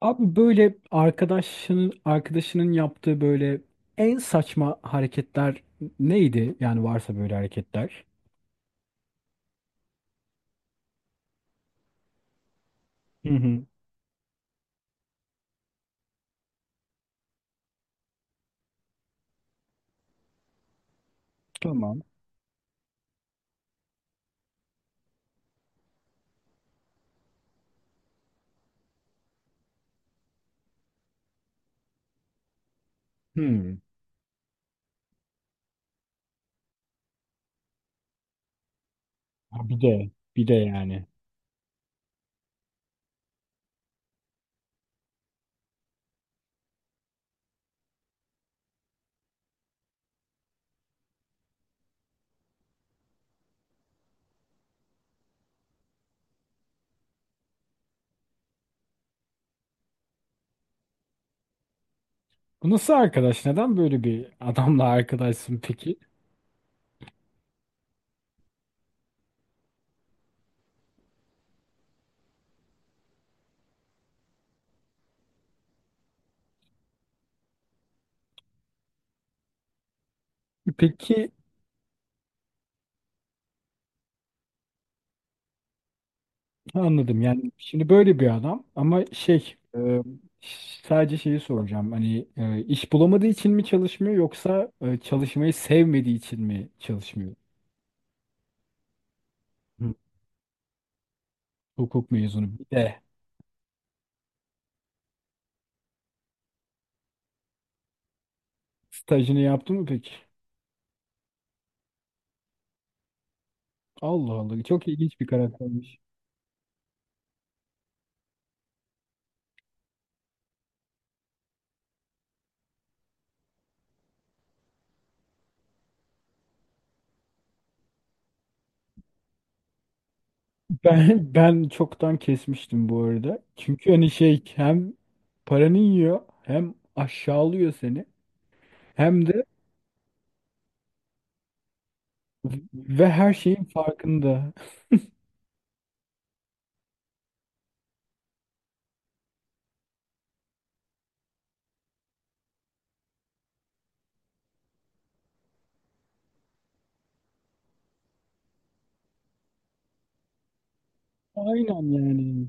Abi böyle arkadaşının yaptığı böyle en saçma hareketler neydi? Yani varsa böyle hareketler. Hı hı. Tamam. Hmm. Ha, bir de bir de yani. Bu nasıl arkadaş? Neden böyle bir adamla arkadaşsın peki? Peki, anladım. Yani şimdi böyle bir adam ama sadece şeyi soracağım. Hani iş bulamadığı için mi çalışmıyor yoksa çalışmayı sevmediği için mi çalışmıyor? Hı. Hukuk mezunu bir de. Stajını yaptı mı peki? Allah Allah, çok ilginç bir karaktermiş. Ben çoktan kesmiştim bu arada. Çünkü hani şey, hem paranı yiyor, hem aşağılıyor seni, hem de ve her şeyin farkında. Aynen yani.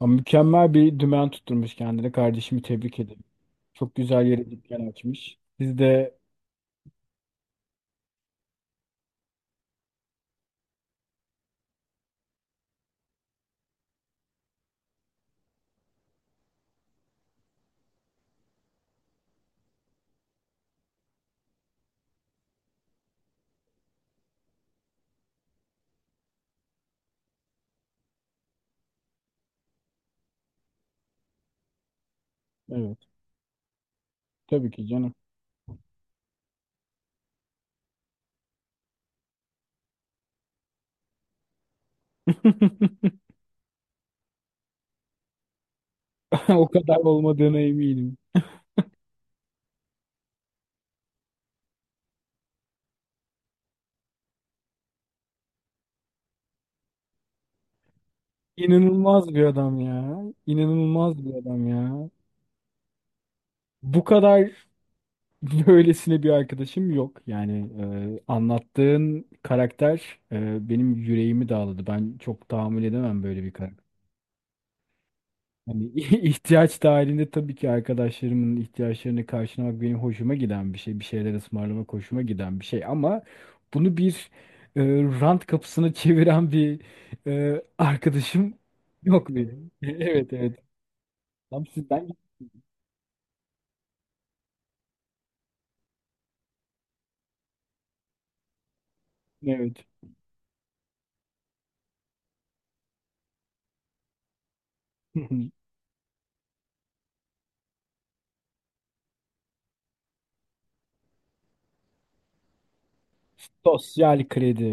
Ama mükemmel bir dümen tutturmuş kendine. Kardeşimi tebrik ederim. Çok güzel yere dükkan açmış. Siz de evet, tabii ki canım. O kadar olmadığına eminim. İnanılmaz bir adam ya. İnanılmaz bir adam ya. Bu kadar böylesine bir arkadaşım yok. Yani anlattığın karakter benim yüreğimi dağladı. Ben çok tahammül edemem böyle bir karakter. Hani ihtiyaç dahilinde tabii ki arkadaşlarımın ihtiyaçlarını karşılamak benim hoşuma giden bir şey. Bir şeyler ısmarlamak hoşuma giden bir şey. Ama bunu bir e, rant kapısına çeviren bir arkadaşım yok benim. Evet, evet. Tam sizden. Evet. Hı hı. Sosyal kredi.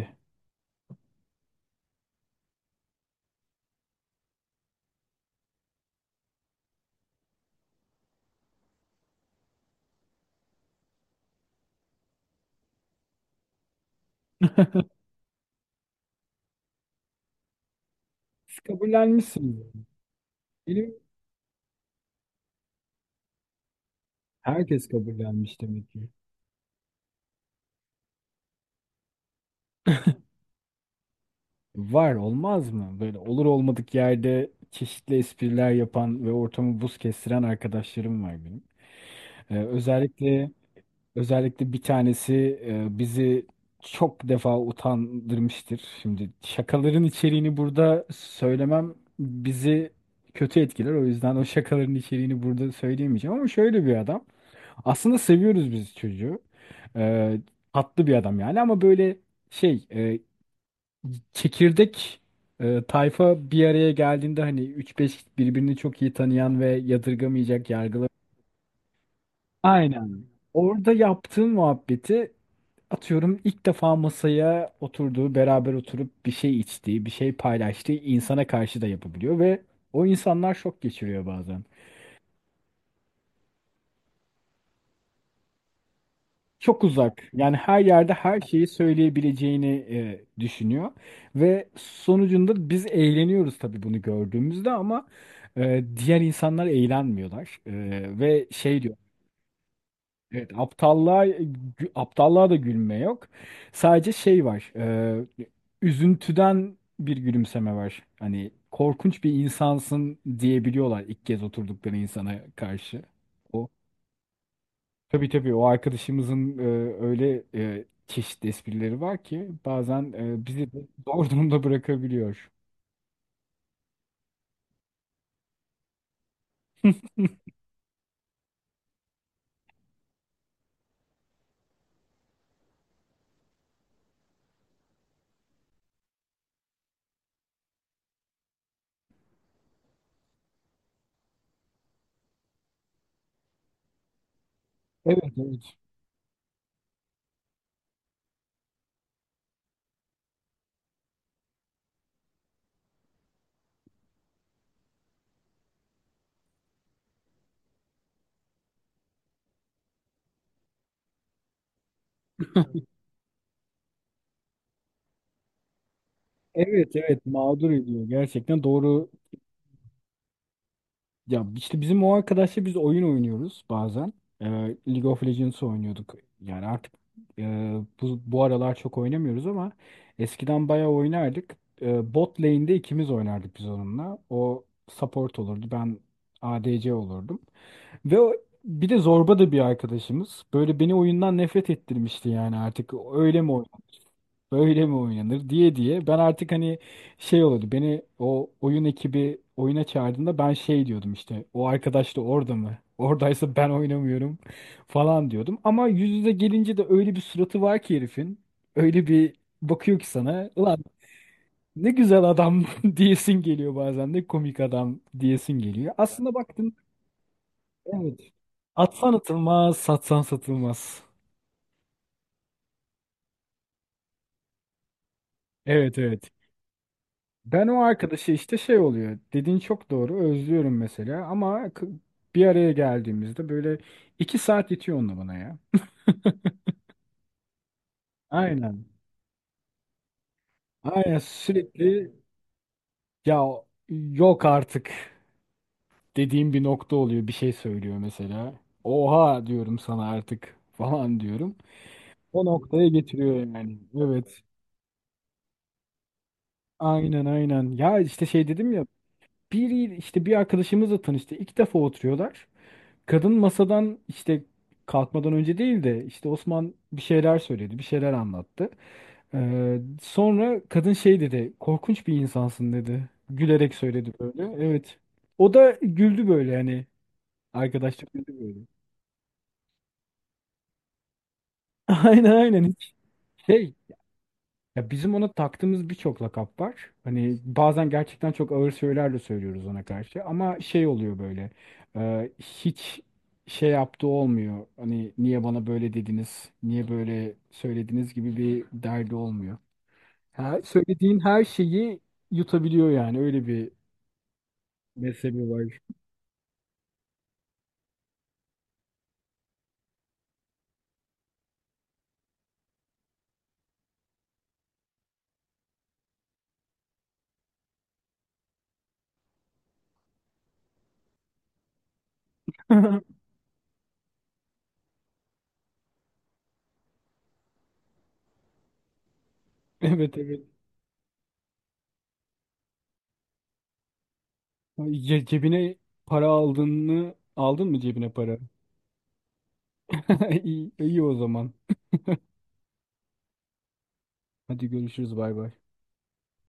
Siz kabullenmişsiniz. Benim herkes kabullenmiş demek ki. Var olmaz mı? Böyle olur olmadık yerde çeşitli espriler yapan ve ortamı buz kestiren arkadaşlarım var benim. Özellikle özellikle bir tanesi bizi çok defa utandırmıştır. Şimdi şakaların içeriğini burada söylemem bizi kötü etkiler. O yüzden o şakaların içeriğini burada söyleyemeyeceğim, ama şöyle bir adam. Aslında seviyoruz biz çocuğu. Ee, Tatlı bir adam yani, ama böyle şey e, çekirdek tayfa bir araya geldiğinde hani üç beş birbirini çok iyi tanıyan ve yadırgamayacak yargılı. Aynen. Orada yaptığım muhabbeti, atıyorum, ilk defa masaya oturduğu, beraber oturup bir şey içtiği, bir şey paylaştığı insana karşı da yapabiliyor ve o insanlar şok geçiriyor bazen. Çok uzak. Yani her yerde her şeyi söyleyebileceğini düşünüyor. Ve sonucunda biz eğleniyoruz tabii bunu gördüğümüzde, ama diğer insanlar eğlenmiyorlar. Ve şey diyor. Evet, aptallığa da gülme yok. Sadece şey var. Üzüntüden bir gülümseme var. Hani korkunç bir insansın diyebiliyorlar ilk kez oturdukları insana karşı. Tabii tabii, o arkadaşımızın öyle çeşitli esprileri var ki bazen bizi de zor durumda bırakabiliyor. Evet, evet. Evet evet, mağdur ediyor gerçekten, doğru. Ya işte bizim o arkadaşla biz oyun oynuyoruz bazen. E, League of Legends oynuyorduk. Yani artık e, bu aralar çok oynamıyoruz, ama eskiden bayağı oynardık. Bot lane'de ikimiz oynardık biz onunla. O support olurdu, ben ADC olurdum. Ve o- Bir de zorba da bir arkadaşımız. Böyle beni oyundan nefret ettirmişti yani, artık öyle mi oynanır, böyle mi oynanır diye diye. Ben artık hani şey oldu, beni o oyun ekibi oyuna çağırdığında ben şey diyordum, işte o arkadaş da orada mı? Oradaysa ben oynamıyorum falan diyordum. Ama yüz yüze gelince de öyle bir suratı var ki herifin. Öyle bir bakıyor ki sana. Ulan ne güzel adam diyesin geliyor, bazen de komik adam diyesin geliyor. Aslında baktın evet. Atsan atılmaz, satsan satılmaz. Evet, evet. Ben o arkadaşı işte şey oluyor. Dediğin çok doğru. Özlüyorum mesela, ama bir araya geldiğimizde böyle iki saat yetiyor onunla bana ya. Aynen. Aynen, sürekli ya yok artık dediğim bir nokta oluyor. Bir şey söylüyor mesela. Oha diyorum, sana artık falan diyorum. O noktaya getiriyor yani. Evet. Aynen aynen. Ya işte şey dedim ya. İşte bir arkadaşımızla tanıştı. İlk defa oturuyorlar. Kadın masadan işte kalkmadan önce değil de, işte Osman bir şeyler söyledi, bir şeyler anlattı. Sonra kadın şey dedi, korkunç bir insansın dedi. Gülerek söyledi böyle. Evet. O da güldü böyle yani. Arkadaşlar güldü böyle. Aynen aynen. Hiç. Şey. Ya bizim ona taktığımız birçok lakap var. Hani bazen gerçekten çok ağır söylerle söylüyoruz ona karşı. Ama şey oluyor böyle. Hiç şey yaptığı olmuyor. Hani niye bana böyle dediniz, niye böyle söylediniz gibi bir derdi olmuyor. Her, söylediğin her şeyi yutabiliyor yani. Öyle bir mezhebi var. Evet, evet. Ay. Cebine para aldığını, aldın mı cebine para? İyi, iyi o zaman. Hadi görüşürüz, bay bay.